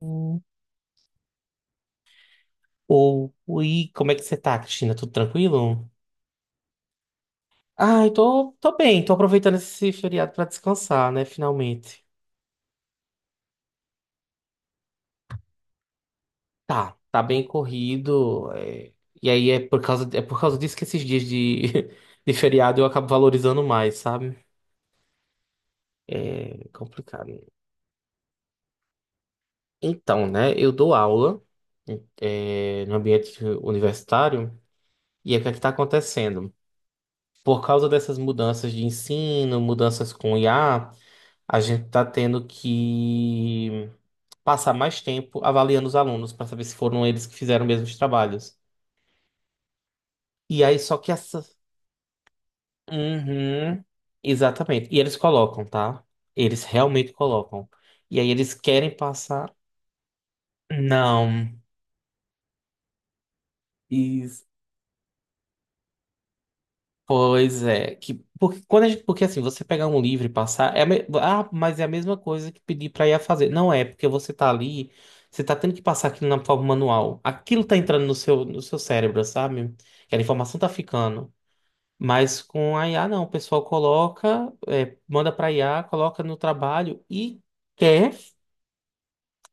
Hum. Ou, oi, como é que você tá, Cristina? Tudo tranquilo? Ah, eu tô bem, tô aproveitando esse feriado pra descansar, né, finalmente. Tá bem corrido, e aí é por causa disso que esses dias de, de feriado eu acabo valorizando mais, sabe? É complicado. Então, né, eu dou aula, no ambiente universitário, e aí o que é que tá acontecendo? Por causa dessas mudanças de ensino, mudanças com IA. A gente está tendo que passar mais tempo avaliando os alunos para saber se foram eles que fizeram mesmo os trabalhos. E aí, só que essa. Uhum, exatamente. E eles colocam, tá? Eles realmente colocam. E aí, eles querem passar. Não. Isso. Pois é, que porque quando a gente, porque assim, você pegar um livro e passar, ah, mas é a mesma coisa que pedir pra ir a fazer. Não é, porque você tá ali, você tá tendo que passar aquilo na forma manual. Aquilo tá entrando no seu cérebro, sabe? Que a informação tá ficando. Mas com a IA não, o pessoal coloca, manda pra IA, coloca no trabalho e quer,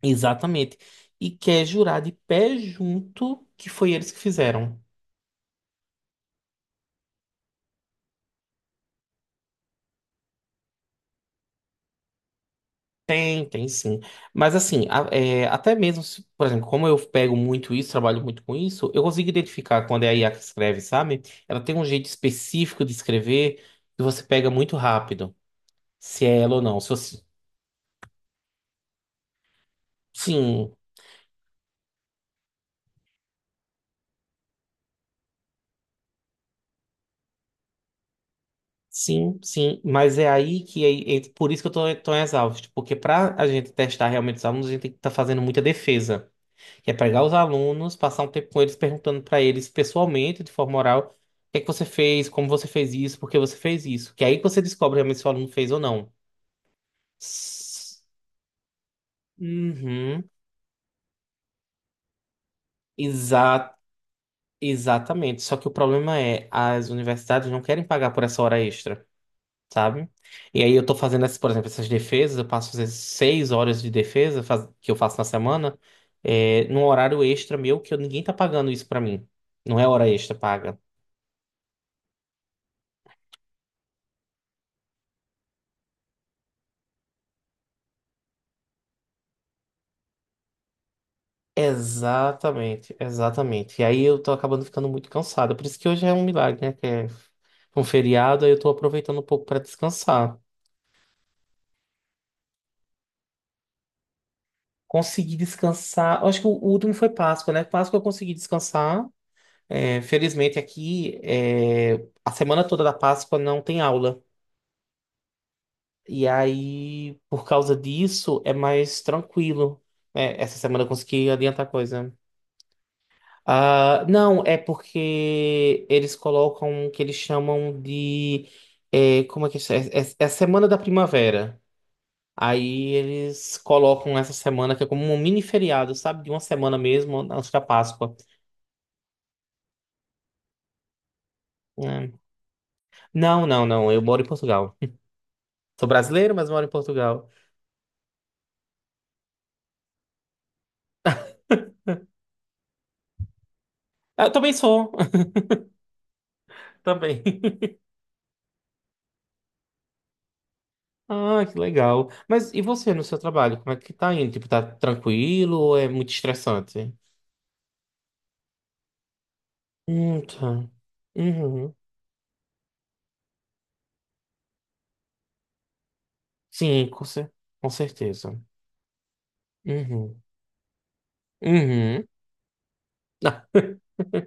exatamente, e quer jurar de pé junto que foi eles que fizeram. Tem sim. Mas assim, até mesmo, por exemplo, como eu pego muito isso, trabalho muito com isso, eu consigo identificar quando é a IA que escreve, sabe? Ela tem um jeito específico de escrever que você pega muito rápido, se é ela ou não. Se você... Sim, sim, sim. Mas é aí que é por isso que eu tô tão exausto, porque pra a gente testar realmente os alunos, a gente tem que estar fazendo muita defesa. Que é pegar os alunos, passar um tempo com eles, perguntando para eles pessoalmente, de forma oral, o que é que você fez, como você fez isso, por que você fez isso. Que é aí que você descobre realmente se o aluno fez ou não. S- Uhum. Exa exatamente. Só que o problema é, as universidades não querem pagar por essa hora extra, sabe? E aí eu tô fazendo, essas, por exemplo, essas defesas, eu passo às vezes 6 horas de defesa que eu faço na semana, num horário extra meu que ninguém tá pagando isso pra mim. Não é hora extra paga. Exatamente, exatamente. E aí eu tô acabando ficando muito cansado. Por isso que hoje é um milagre, né? Que é um feriado, aí eu tô aproveitando um pouco pra descansar. Consegui descansar. Eu acho que o último foi Páscoa, né? Páscoa eu consegui descansar. É, felizmente aqui, a semana toda da Páscoa não tem aula. E aí, por causa disso, é mais tranquilo. É, essa semana eu consegui adiantar coisa. Ah, não, é porque eles colocam o que eles chamam de. Como é que isso é? É a Semana da Primavera. Aí eles colocam essa semana, que é como um mini feriado, sabe? De uma semana mesmo, antes da Páscoa. É. Não, não, não. Eu moro em Portugal. Sou brasileiro, mas moro em Portugal. Ah, eu também sou. Também. Ah, que legal. Mas e você no seu trabalho? Como é que tá indo? Tipo, tá tranquilo ou é muito estressante? Tá. Uhum. Sim, com certeza. Uhum. Uhum.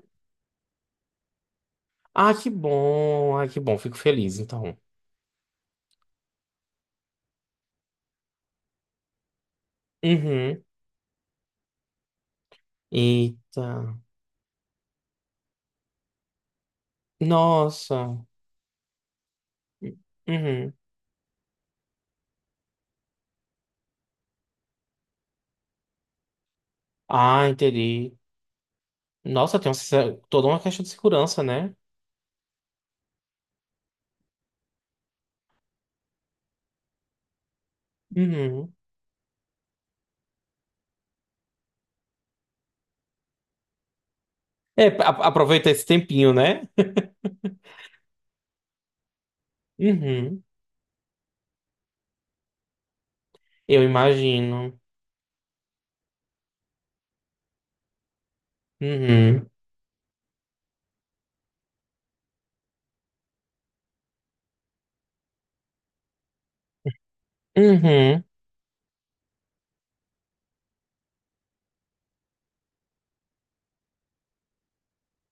Ah, que bom. Ah, que bom. Fico feliz, então. Uhum. Eita. Nossa. Uhum. Ah, entendi. Nossa, tem uma se- toda uma questão de segurança, né? Uhum. É, aproveita esse tempinho, né? Uhum. Eu imagino. Uhum. Uhum.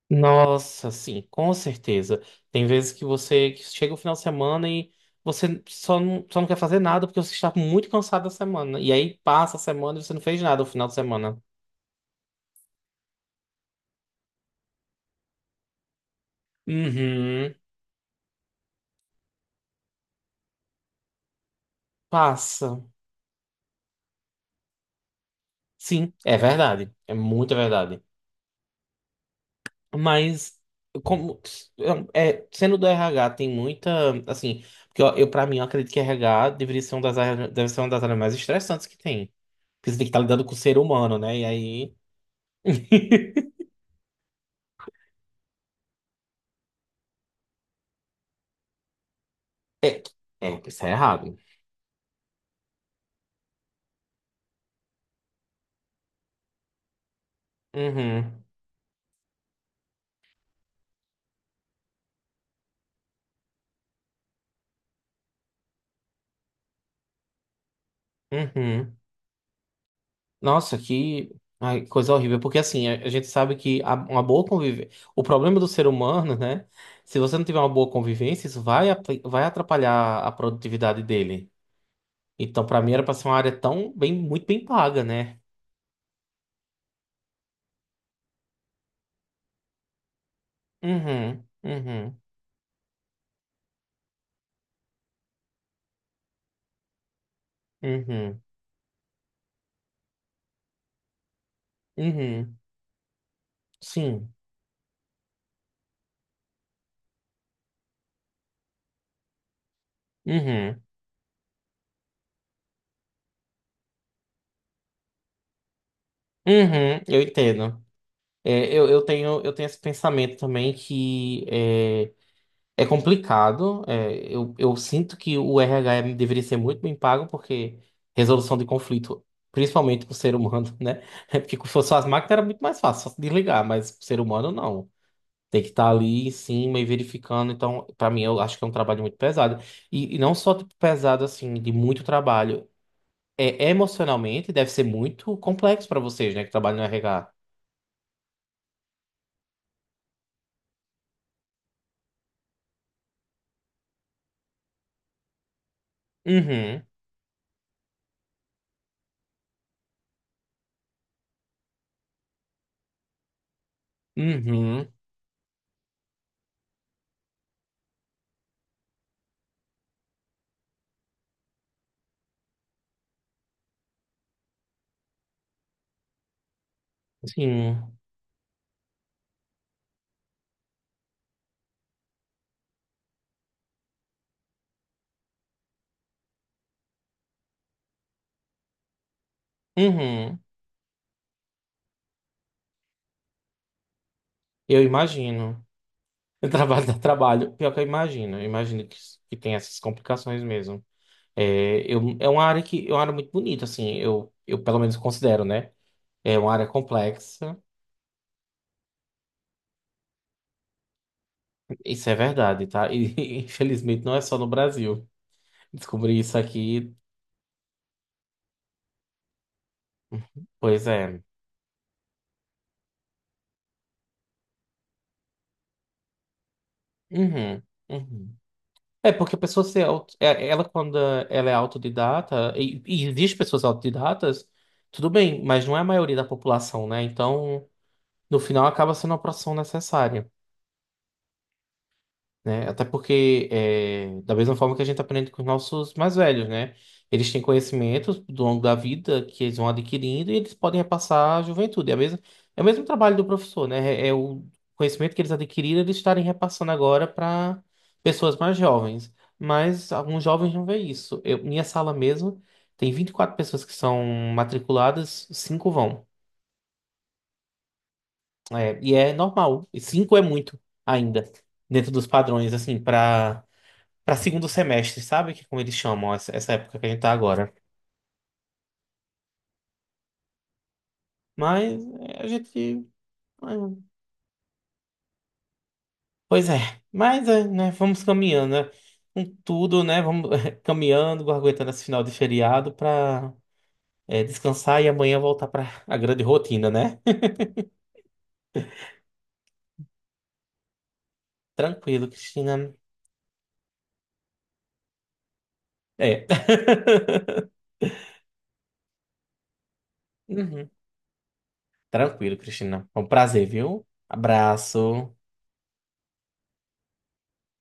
Nossa, sim, com certeza. Tem vezes que você que chega o final de semana e você só não quer fazer nada porque você está muito cansado da semana. E aí passa a semana e você não fez nada o final de semana. Uhum, passa. Sim, é verdade. É muita verdade. Mas como é, sendo do RH tem muita, assim, porque eu para mim eu acredito que RH deveria ser uma deve ser uma das áreas mais estressantes que tem, porque você tem que estar lidando com o ser humano, né? E aí É, isso é errado. Uhum, uhum. Nossa, que ai, coisa horrível. Porque assim, a gente sabe que uma boa convivência. O problema do ser humano, né? Se você não tiver uma boa convivência, isso vai atrapalhar a produtividade dele. Então, pra mim, era pra ser uma área tão bem, muito bem paga, né? Uhum, uhum, uhum, uhum. Sim. Uhum, uhum. Eu entendo. É, eu tenho esse pensamento também que. É, É complicado. Eu sinto que o RH deveria ser muito bem pago, porque resolução de conflito, principalmente para o ser humano, né? É porque se fosse só as máquinas era muito mais fácil, só se desligar, mas para o ser humano não. Tem que estar ali em cima e verificando. Então, para mim, eu acho que é um trabalho muito pesado. E não só tipo, pesado, assim, de muito trabalho. É, emocionalmente deve ser muito complexo para vocês, né, que trabalham no RH. Uhum, uhum, sim, uhum. Eu imagino. O trabalho dá trabalho. Pior que eu imagino. Eu imagino que tem essas complicações mesmo. É, é uma área que é uma área muito bonita, assim. Eu pelo menos considero, né? É uma área complexa. Isso é verdade, tá? E infelizmente não é só no Brasil. Descobri isso aqui. Pois é. Uhum, uhum. É porque a pessoa se auto, é- ela quando ela é autodidata, e existe pessoas autodidatas, tudo bem, mas não é a maioria da população, né? Então, no final acaba sendo uma profissão necessária. Né? Até porque, da mesma forma que a gente aprende com os nossos mais velhos, né? Eles têm conhecimentos do longo da vida que eles vão adquirindo e eles podem repassar à juventude. É, é o mesmo trabalho do professor, né? É o conhecimento que eles adquiriram, eles estarem repassando agora para pessoas mais jovens. Mas alguns jovens não veem isso. Minha sala mesmo tem 24 pessoas que são matriculadas, cinco vão. É, e é normal. E cinco é muito ainda, dentro dos padrões, assim, para segundo semestre, sabe? Que é como eles chamam essa época que a gente tá agora. Mas é, a gente. é, Pois é. Mas é, né, vamos caminhando, né? Com tudo, né? Vamos caminhando, aguentando esse final de feriado para descansar e amanhã voltar para a grande rotina, né? Tranquilo, Cristina. É. Uhum. Tranquilo, Cristina. Foi um prazer, viu? Abraço.